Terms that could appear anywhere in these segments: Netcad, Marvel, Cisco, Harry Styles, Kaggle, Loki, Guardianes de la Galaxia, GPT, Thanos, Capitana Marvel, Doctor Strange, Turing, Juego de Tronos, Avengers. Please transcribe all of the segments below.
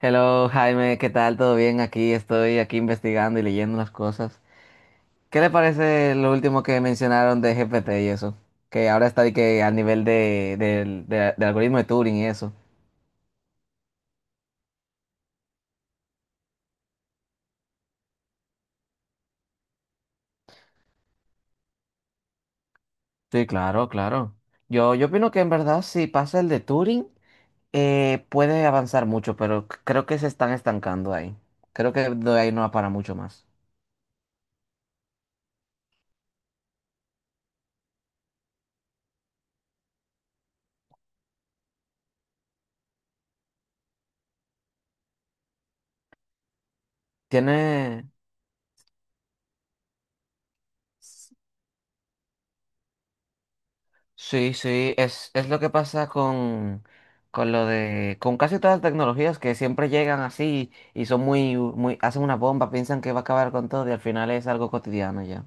Hello Jaime, ¿qué tal? ¿Todo bien? Aquí estoy aquí investigando y leyendo las cosas. ¿Qué le parece lo último que mencionaron de GPT y eso? Que ahora está de que al nivel de, del algoritmo de Turing y eso. Sí, claro, claro. Yo opino que en verdad si pasa el de Turing puede avanzar mucho, pero creo que se están estancando ahí. Creo que de ahí no va para mucho más. Tiene, sí, sí, es lo que pasa con casi todas las tecnologías que siempre llegan así y son muy, muy, hacen una bomba, piensan que va a acabar con todo y al final es algo cotidiano ya.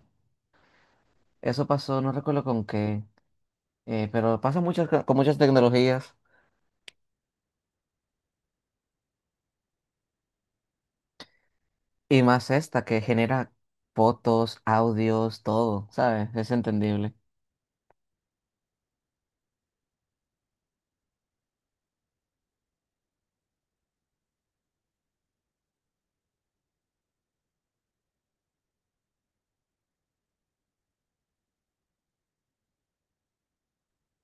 Eso pasó, no recuerdo con qué, pero pasa muchas, con muchas tecnologías y más esta que genera fotos, audios, todo, ¿sabes? Es entendible.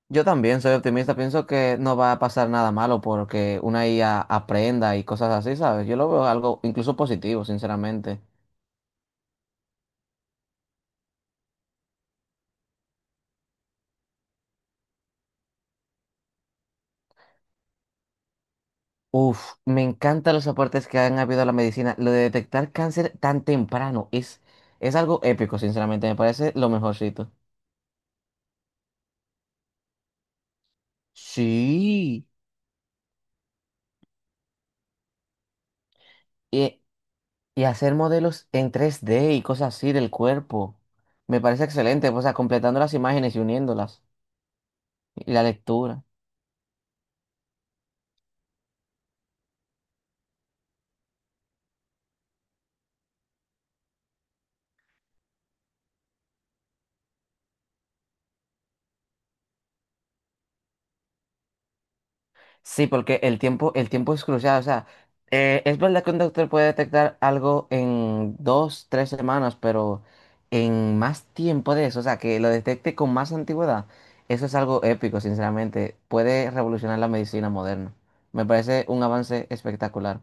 Yo también soy optimista, pienso que no va a pasar nada malo porque una IA aprenda y cosas así, ¿sabes? Yo lo veo algo incluso positivo, sinceramente. Uf, me encantan los aportes que han habido a la medicina. Lo de detectar cáncer tan temprano es algo épico, sinceramente, me parece lo mejorcito. Sí, y, y hacer modelos en 3D y cosas así del cuerpo. Me parece excelente, pues, o sea, completando las imágenes y uniéndolas. Y la lectura. Sí, porque el tiempo es crucial. O sea, es verdad que un doctor puede detectar algo en dos, tres semanas, pero en más tiempo de eso, o sea, que lo detecte con más antigüedad, eso es algo épico, sinceramente. Puede revolucionar la medicina moderna. Me parece un avance espectacular.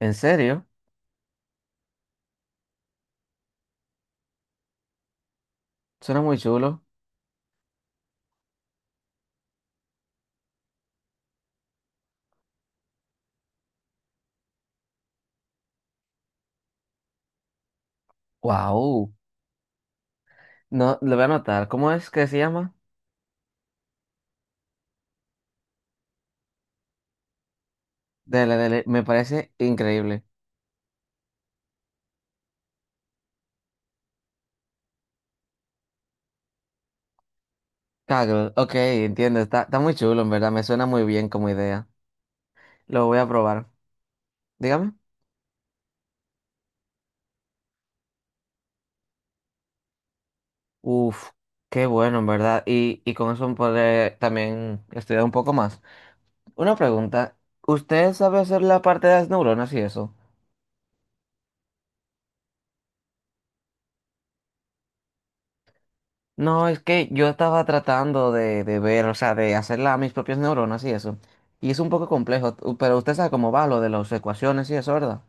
¿En serio? Suena muy chulo. Wow. No, lo voy a anotar. ¿Cómo es que se llama? Dele, dele. Me parece increíble. Kaggle. Ok, entiendo. Está, está muy chulo, en verdad. Me suena muy bien como idea. Lo voy a probar. Dígame. Uf, qué bueno, en verdad. Y con eso podré también estudiar un poco más. Una pregunta. ¿Usted sabe hacer la parte de las neuronas y eso? No, es que yo estaba tratando de ver, o sea, de hacer mis propias neuronas y eso. Y es un poco complejo, pero usted sabe cómo va lo de las ecuaciones y eso, ¿verdad?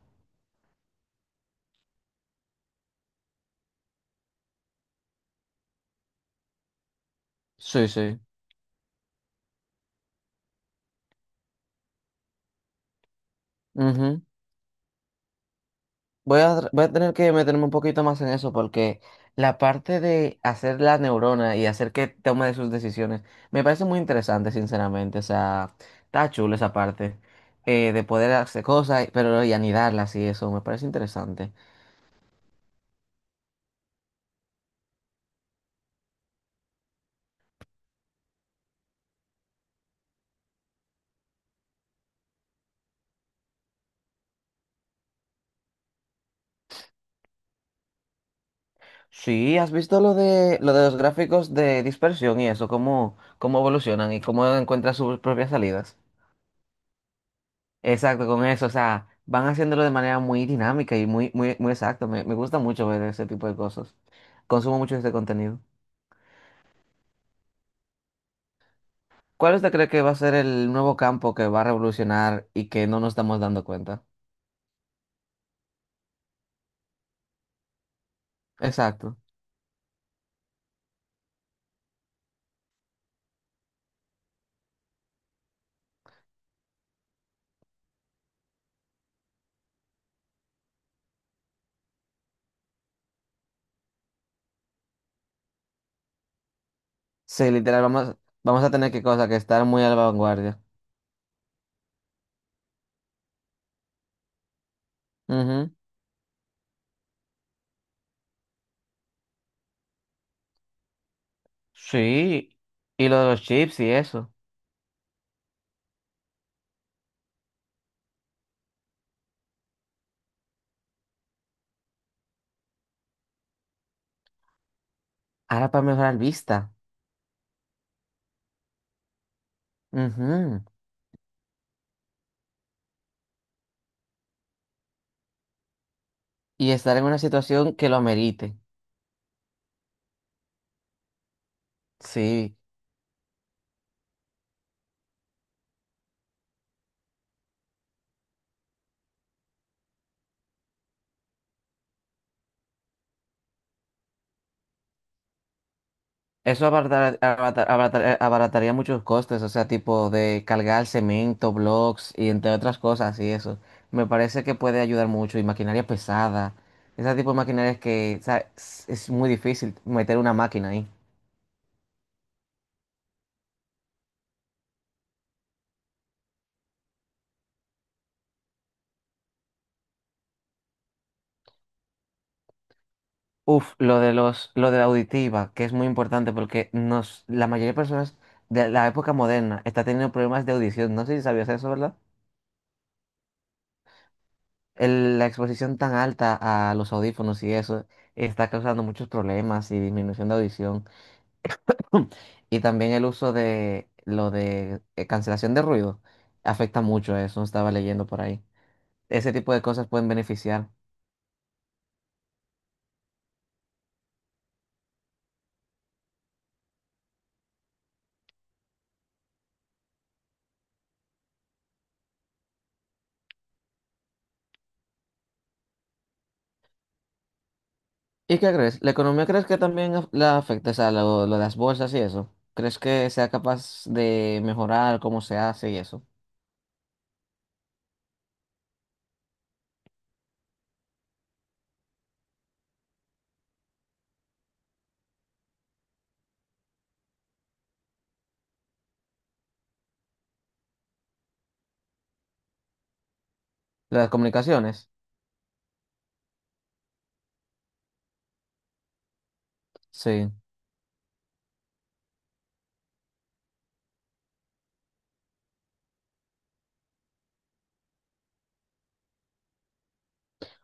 Sí, sí. Voy a, voy a tener que meterme un poquito más en eso porque la parte de hacer la neurona y hacer que tome sus decisiones me parece muy interesante, sinceramente. O sea, está chulo esa parte de poder hacer cosas, pero y anidarlas y eso me parece interesante. Sí, ¿has visto lo de los gráficos de dispersión y eso, cómo, cómo evolucionan y cómo encuentran sus propias salidas? Exacto, con eso, o sea, van haciéndolo de manera muy dinámica y muy, muy, muy exacto. Me gusta mucho ver ese tipo de cosas. Consumo mucho este contenido. ¿Cuál usted cree que va a ser el nuevo campo que va a revolucionar y que no nos estamos dando cuenta? Exacto. Sí, literal, vamos, vamos a tener que cosa que estar muy a la vanguardia. Ujú. Sí, y lo de los chips y eso. Ahora para mejorar vista. Ujú. Y estar en una situación que lo amerite. Sí. Eso abarataría muchos costes, o sea, tipo de cargar cemento, blocks y entre otras cosas y eso. Me parece que puede ayudar mucho y maquinaria pesada. Ese tipo de maquinarias que, o sea, es muy difícil meter una máquina ahí. Uf, lo de los, lo de la auditiva, que es muy importante porque nos, la mayoría de personas de la época moderna está teniendo problemas de audición. No sé si sabías eso, ¿verdad? La exposición tan alta a los audífonos y eso está causando muchos problemas y disminución de audición. Y también el uso de lo de cancelación de ruido afecta mucho a eso, estaba leyendo por ahí. Ese tipo de cosas pueden beneficiar. ¿Y qué crees? ¿La economía crees que también la afecta, o sea, lo de las bolsas y eso? ¿Crees que sea capaz de mejorar cómo se hace y eso? ¿Las comunicaciones? Sí.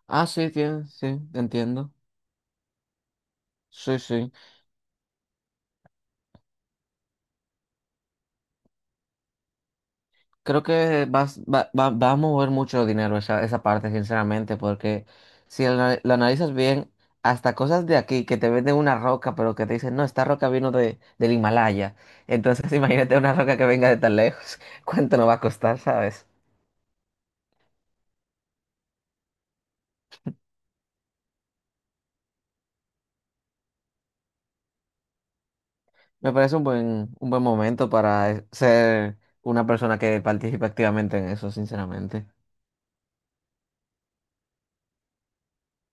Ah, sí, tiene, sí, entiendo. Sí, sí. Creo que va a mover mucho dinero esa, esa parte, sinceramente, porque si la, la analizas bien, hasta cosas de aquí que te venden una roca, pero que te dicen, no, esta roca vino de, del Himalaya. Entonces, imagínate una roca que venga de tan lejos. ¿Cuánto nos va a costar, sabes? Me parece un buen momento para ser una persona que participe activamente en eso, sinceramente.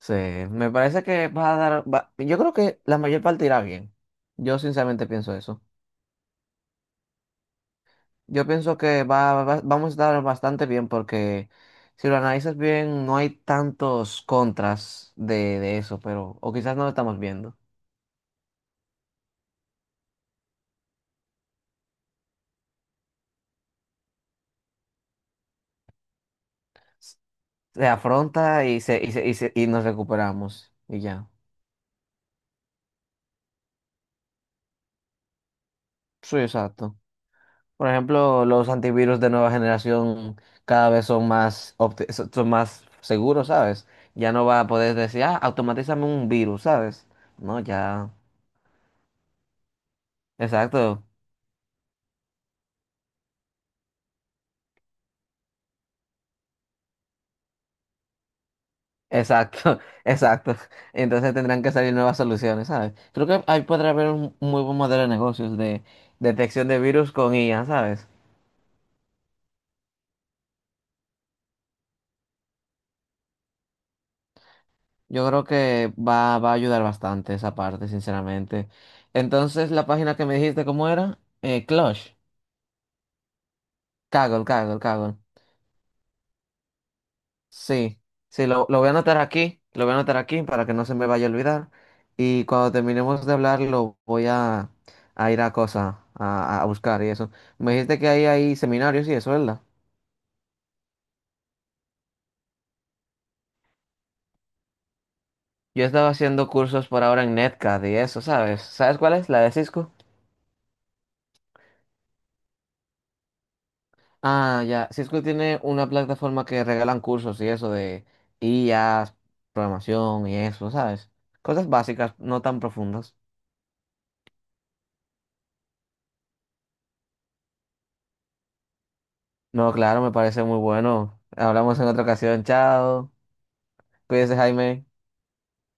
Sí, me parece que va a dar, yo creo que la mayor parte irá bien. Yo sinceramente pienso eso. Yo pienso que vamos a estar bastante bien porque si lo analizas bien, no hay tantos contras de eso, pero, o quizás no lo estamos viendo. Se afronta y, se, y, y nos recuperamos y ya. Sí, exacto. Por ejemplo, los antivirus de nueva generación cada vez son más, son más seguros, ¿sabes? Ya no va a poder decir, ah, automatízame un virus, ¿sabes? No, ya. Exacto. Exacto, exacto. Entonces tendrán que salir nuevas soluciones, ¿sabes? Creo que ahí podrá haber un muy buen modelo de negocios de detección de virus con IA, ¿sabes? Yo creo que va a ayudar bastante esa parte, sinceramente. Entonces, la página que me dijiste, ¿cómo era? Clutch. Kaggle, Kaggle, Kaggle. Sí, sí, lo voy a anotar aquí, lo voy a anotar aquí para que no se me vaya a olvidar. Y cuando terminemos de hablar, lo voy a ir a cosa, a buscar y eso. Me dijiste que ahí hay seminarios y eso, ¿verdad? Yo estaba haciendo cursos por ahora en Netcad y eso, ¿sabes? ¿Sabes cuál es? La de Cisco. Ah, ya, Cisco tiene una plataforma que regalan cursos y eso de IAs, programación y eso, ¿sabes? Cosas básicas, no tan profundas. No, claro, me parece muy bueno. Hablamos en otra ocasión, chao. Cuídese, Jaime.